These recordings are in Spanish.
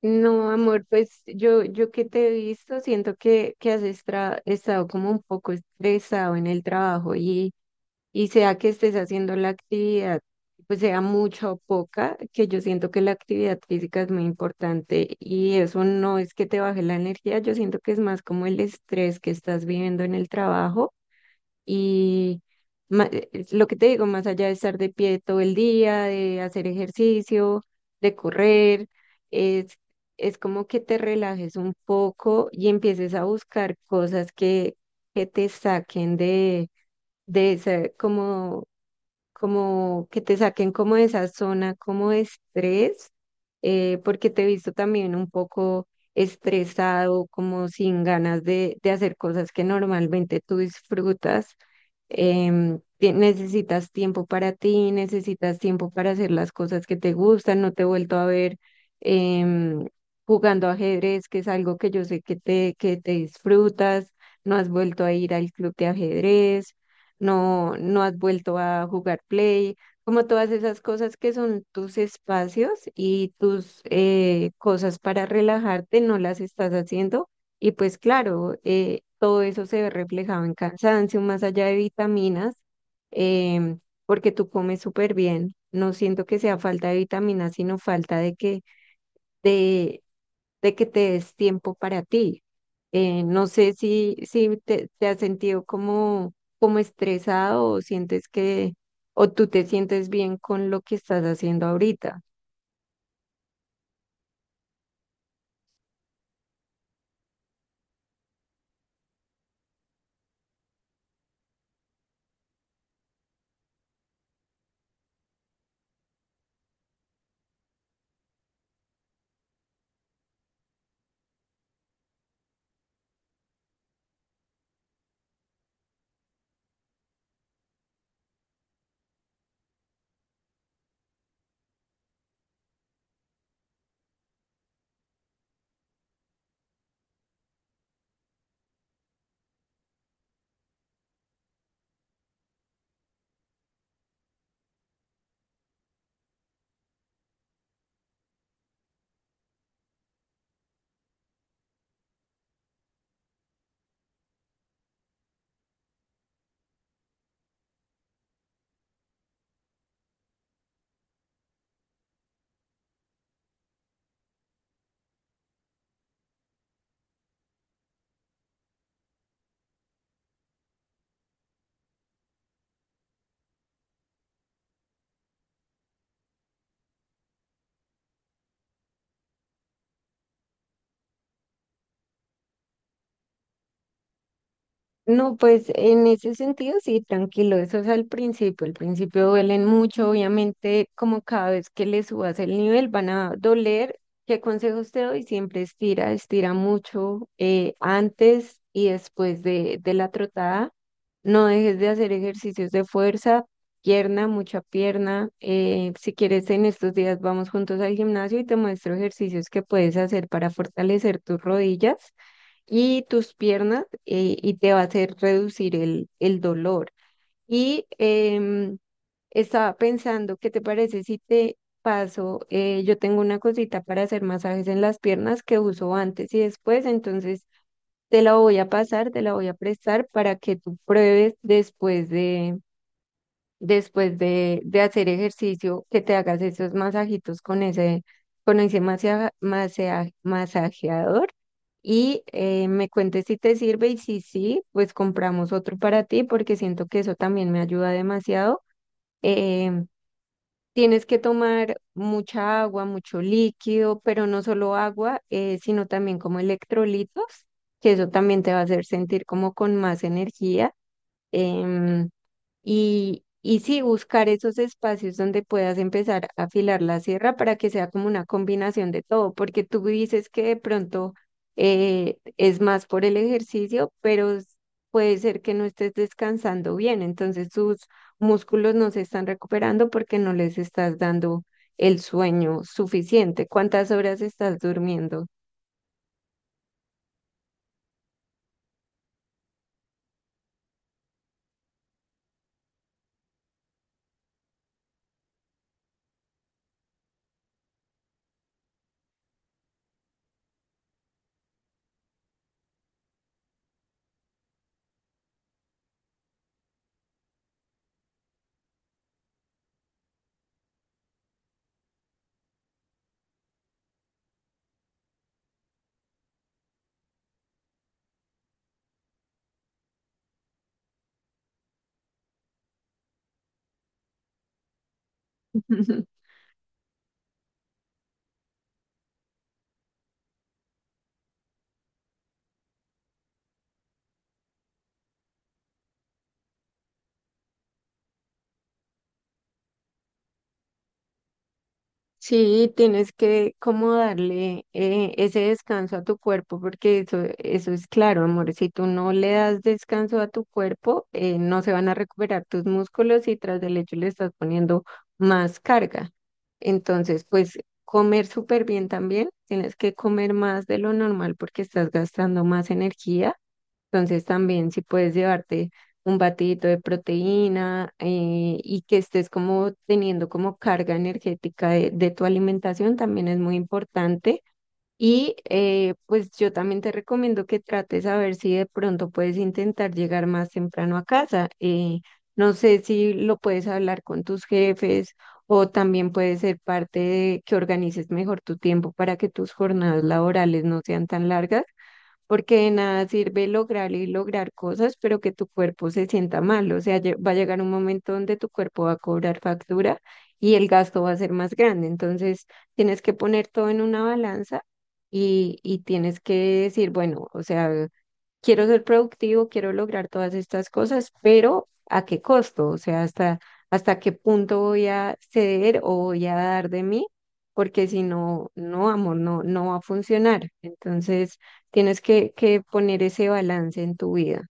No, amor, pues yo que te he visto, siento que has estado como un poco estresado en el trabajo y sea que estés haciendo la actividad, pues sea mucha o poca, que yo siento que la actividad física es muy importante y eso no es que te baje la energía. Yo siento que es más como el estrés que estás viviendo en el trabajo y lo que te digo, más allá de estar de pie todo el día, de hacer ejercicio, de correr, es, es como que te relajes un poco y empieces a buscar cosas que te saquen de esa, como que te saquen como de esa zona, como de estrés. Porque te he visto también un poco estresado, como sin ganas de hacer cosas que normalmente tú disfrutas. Necesitas tiempo para ti, necesitas tiempo para hacer las cosas que te gustan. No te he vuelto a ver em, jugando ajedrez, que es algo que yo sé que que te disfrutas. No has vuelto a ir al club de ajedrez, no, no has vuelto a jugar play, como todas esas cosas que son tus espacios y tus cosas para relajarte. No las estás haciendo y pues claro, todo eso se ve reflejado en cansancio, más allá de vitaminas, em, porque tú comes súper bien. No siento que sea falta de vitaminas, sino falta de de, de que te des tiempo para ti. No sé si te has sentido como, como estresado o sientes que, o tú te sientes bien con lo que estás haciendo ahorita. No, pues en ese sentido sí, tranquilo, eso es al principio duelen mucho, obviamente como cada vez que le subas el nivel van a doler. ¿Qué consejos te doy? Siempre estira, estira mucho antes y después de la trotada, no dejes de hacer ejercicios de fuerza, pierna, mucha pierna. Si quieres en estos días vamos juntos al gimnasio y te muestro ejercicios que puedes hacer para fortalecer tus rodillas y tus piernas, y te va a hacer reducir el dolor. Y em, Estaba pensando, ¿qué te parece si te paso? Yo tengo una cosita para hacer masajes en las piernas que uso antes y después, entonces te la voy a pasar, te la voy a prestar para que tú pruebes después de hacer ejercicio, que te hagas esos masajitos con con ese masajeador y me cuentes si te sirve. Y si sí, pues compramos otro para ti porque siento que eso también me ayuda demasiado. Em, Tienes que tomar mucha agua, mucho líquido, pero no solo agua, sino también como electrolitos, que eso también te va a hacer sentir como con más energía. Em, y sí, buscar esos espacios donde puedas empezar a afilar la sierra para que sea como una combinación de todo, porque tú dices que de pronto es más por el ejercicio, pero puede ser que no estés descansando bien, entonces tus músculos no se están recuperando porque no les estás dando el sueño suficiente. ¿Cuántas horas estás durmiendo? Sí, tienes que como darle ese descanso a tu cuerpo, porque eso es claro, amor. Si tú no le das descanso a tu cuerpo, no se van a recuperar tus músculos y tras del hecho le estás poniendo más carga. Entonces, pues comer súper bien también. Tienes que comer más de lo normal porque estás gastando más energía. Entonces también si puedes llevarte un batidito de proteína, y que estés como teniendo como carga energética de tu alimentación también es muy importante. Y pues yo también te recomiendo que trates a ver si de pronto puedes intentar llegar más temprano a casa. No sé si lo puedes hablar con tus jefes o también puede ser parte de que organices mejor tu tiempo para que tus jornadas laborales no sean tan largas, porque de nada sirve lograr y lograr cosas, pero que tu cuerpo se sienta mal. O sea, va a llegar un momento donde tu cuerpo va a cobrar factura y el gasto va a ser más grande. Entonces, tienes que poner todo en una balanza y tienes que decir, bueno, o sea, quiero ser productivo, quiero lograr todas estas cosas, pero ¿a qué costo? O sea, hasta, hasta qué punto voy a ceder o voy a dar de mí, porque si no, no, amor, no, no va a funcionar. Entonces, tienes que poner ese balance en tu vida.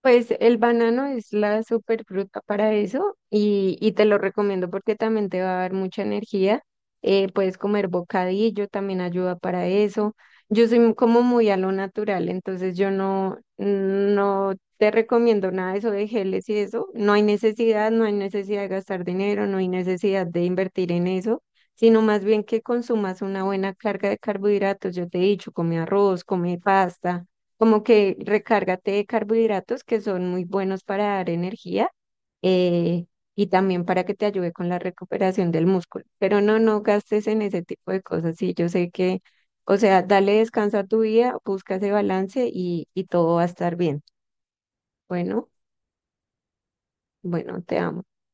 Pues el banano es la superfruta para eso y te lo recomiendo porque también te va a dar mucha energía. Puedes comer bocadillo, también ayuda para eso. Yo soy como muy a lo natural, entonces yo no, no te recomiendo nada de eso de geles y eso. No hay necesidad, no hay necesidad de gastar dinero, no hay necesidad de invertir en eso, sino más bien que consumas una buena carga de carbohidratos. Yo te he dicho, come arroz, come pasta, como que recárgate de carbohidratos que son muy buenos para dar energía, eh, y también para que te ayude con la recuperación del músculo. Pero no, no gastes en ese tipo de cosas. Sí, yo sé que, o sea, dale descanso a tu vida, busca ese balance y todo va a estar bien. Bueno, bueno, te amo.